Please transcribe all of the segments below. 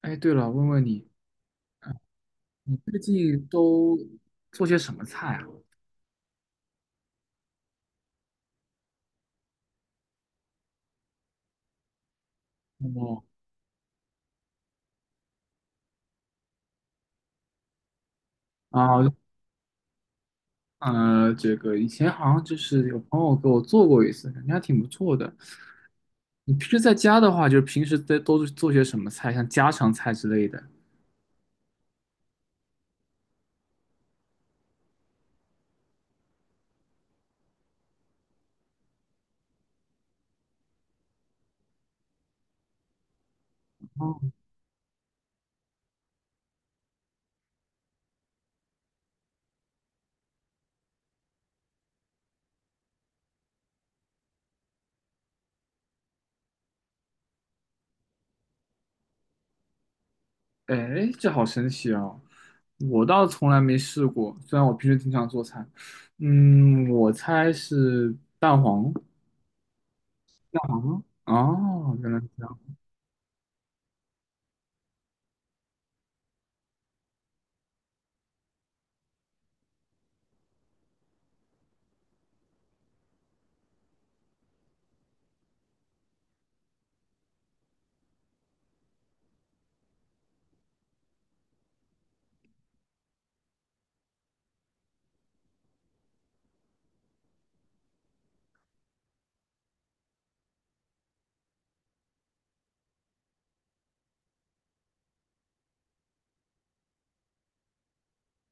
哎，对了，问问你，啊你最近都做些什么菜啊？哦。啊。这个以前好像就是有朋友给我做过一次，感觉还挺不错的。你平时在家的话，就是平时在都是做些什么菜，像家常菜之类的？哦。哎，这好神奇哦！我倒从来没试过，虽然我平时经常做菜。嗯，我猜是蛋黄。蛋黄吗？哦，原来是这样。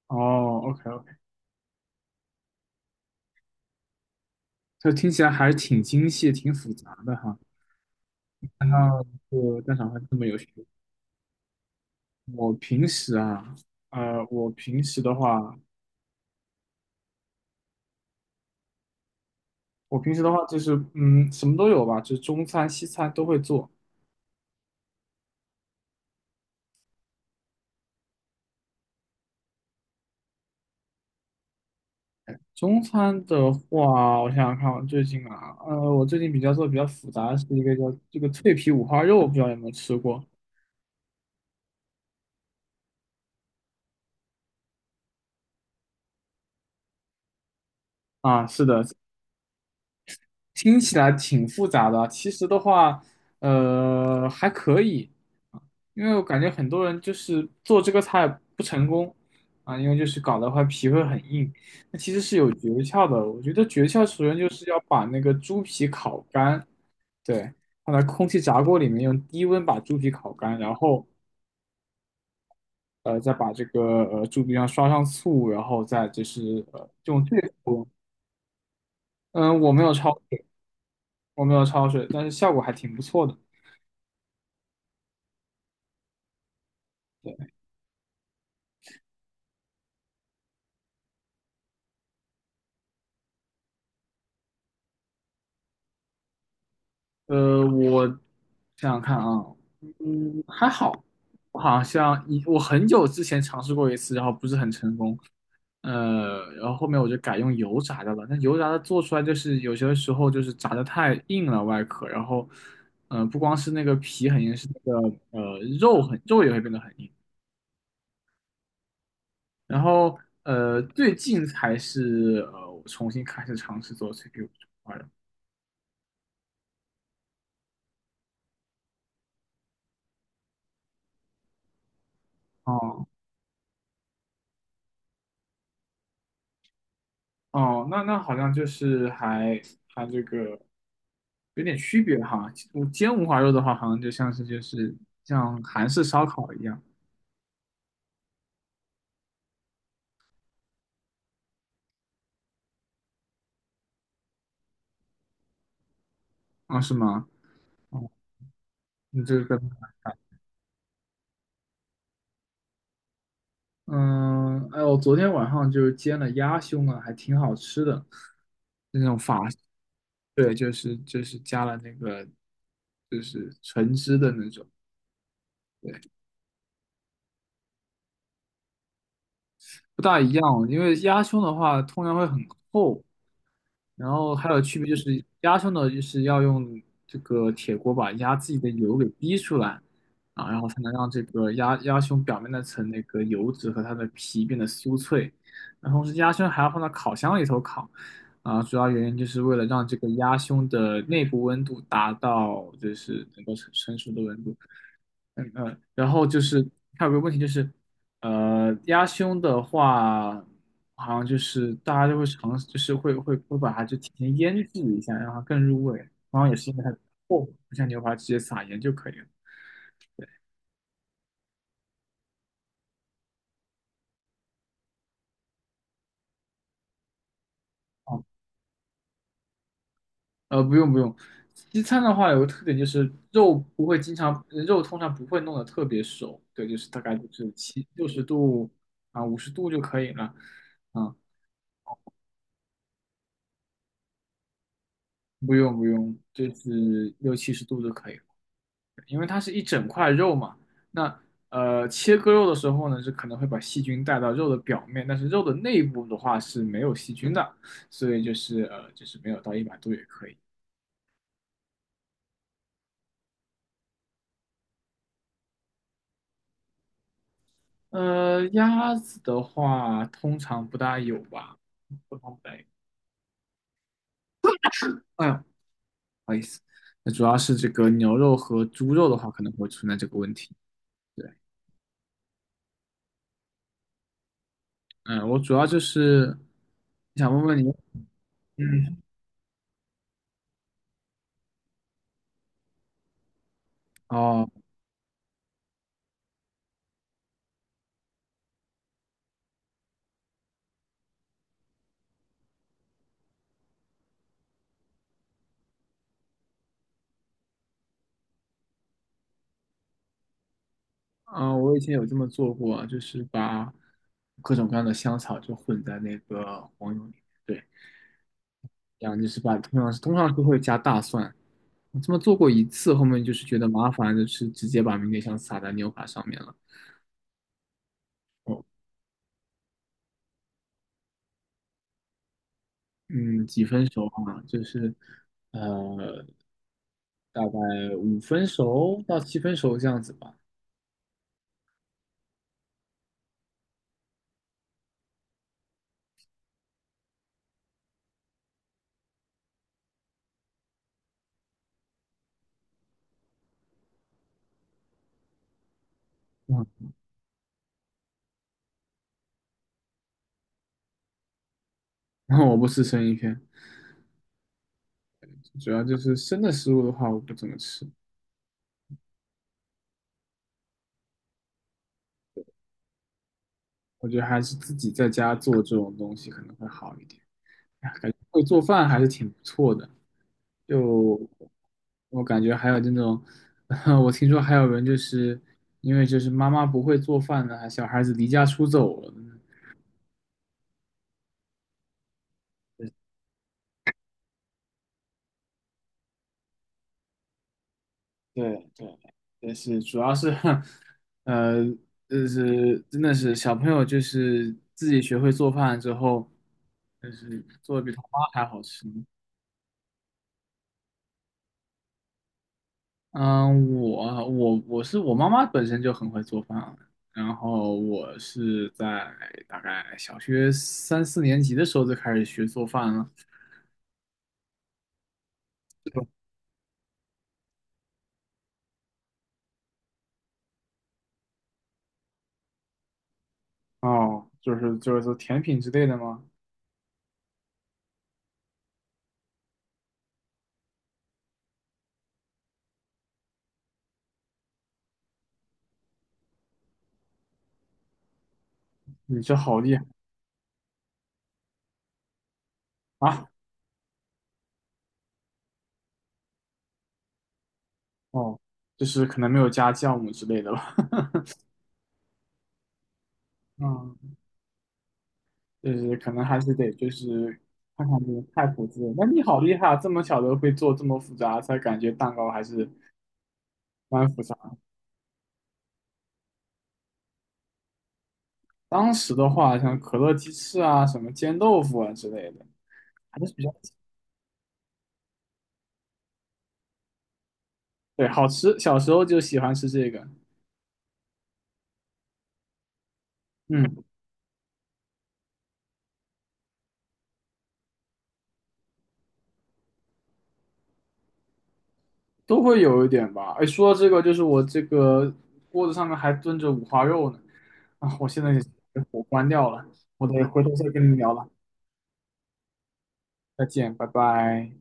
哦， o k 这听起来还是挺精细、挺复杂的哈。看到这蛋炒饭这么有学问。我平时啊，呃，我平时的话，我平时的话就是，嗯，什么都有吧，就是中餐、西餐都会做。中餐的话，我想想看，我最近比较做的比较复杂的是一个叫这个脆皮五花肉，不知道有没有吃过。啊？是的。听起来挺复杂的，其实的话，还可以。因为我感觉很多人就是做这个菜不成功啊，因为就是搞的话皮会很硬，那其实是有诀窍的。我觉得诀窍首先就是要把那个猪皮烤干。对，放在空气炸锅里面用低温把猪皮烤干，然后再把这个猪皮上刷上醋，然后再就是用这个锅。嗯，我没有焯水。我没有焯水，但是效果还挺不错的。我想想看啊，嗯，还好。我好像一我很久之前尝试过一次，然后不是很成功，然后后面我就改用油炸的了。那油炸的做出来就是有些时候就是炸的太硬了外壳，然后，嗯、不光是那个皮很硬，是那个肉很也会变得很硬。然后最近才是我重新开始尝试做 CPU 这块的。哦。哦，那好像就是还这个有点区别哈。我煎五花肉的话，好像就像韩式烧烤一样啊。是吗？哦，你这个，嗯，哎，我昨天晚上就是煎了鸭胸啊，还挺好吃的，那种法。对，就是加了那个就是橙汁的那种。不大一样哦，因为鸭胸的话通常会很厚。然后还有区别就是鸭胸呢，就是要用这个铁锅把鸭自己的油给逼出来啊，然后才能让这个鸭胸表面那层那个油脂和它的皮变得酥脆。那同时鸭胸还要放到烤箱里头烤啊，主要原因就是为了让这个鸭胸的内部温度达到就是能够成熟的温度。嗯嗯，然后就是还有个问题就是，鸭胸的话，好像就是大家就会尝试，就是会会把它就提前腌制一下，让它更入味。然后也是因为它厚，不像牛排直接撒盐就可以了。啊，不用不用。西餐的话有个特点就是肉不会经常，肉通常不会弄得特别熟。对，就是大概就是七六十度啊，五十度就可以了。啊，不用不用，就是六七十度就可以。了。因为它是一整块肉嘛。那切割肉的时候呢，是可能会把细菌带到肉的表面，但是肉的内部的话是没有细菌的，所以就是就是没有到一百度也可以。鸭子的话通常不大有吧，通常不大有。哎呦，那主要是这个牛肉和猪肉的话，可能会存在这个问题。对。嗯，我主要就是想问问你。嗯。哦。啊，我以前有这么做过，就是把各种各样的香草就混在那个黄油里，面。对，然后就是把通常是会加大蒜。我这么做过一次，后面就是觉得麻烦，就是直接把迷迭香撒在牛排上面了。哦。嗯，几分熟啊？就是呃，大概五分熟到七分熟这样子吧。嗯，然后我不吃生鱼片，主要就是生的食物的话，我不怎么吃。我觉得还是自己在家做这种东西可能会好一点。哎，感觉会做饭还是挺不错的。就我感觉还有那种，我听说还有人就是因为就是妈妈不会做饭呢，还小孩子离家出走了。对对，但是主要是，呃，就是真的是小朋友就是自己学会做饭之后，就是做的比他妈还好吃。嗯，我我妈妈本身就很会做饭，然后我是在大概小学三四年级的时候就开始学做饭了。哦，就是说甜品之类的吗？你这好厉害啊！哦，就是可能没有加酵母之类的吧。嗯，就是可能还是得就是看看这个菜谱之类的。那你好厉害啊，这么小的会做这么复杂，才感觉蛋糕还是蛮复杂。当时的话，像可乐鸡翅啊、什么煎豆腐啊之类的，还是比较。对，好吃。小时候就喜欢吃这个。嗯，都会有一点吧。哎，说到这个，就是我这个锅子上面还炖着五花肉呢，啊，我现在也给火关掉了，我得回头再跟你聊了。再见，拜拜。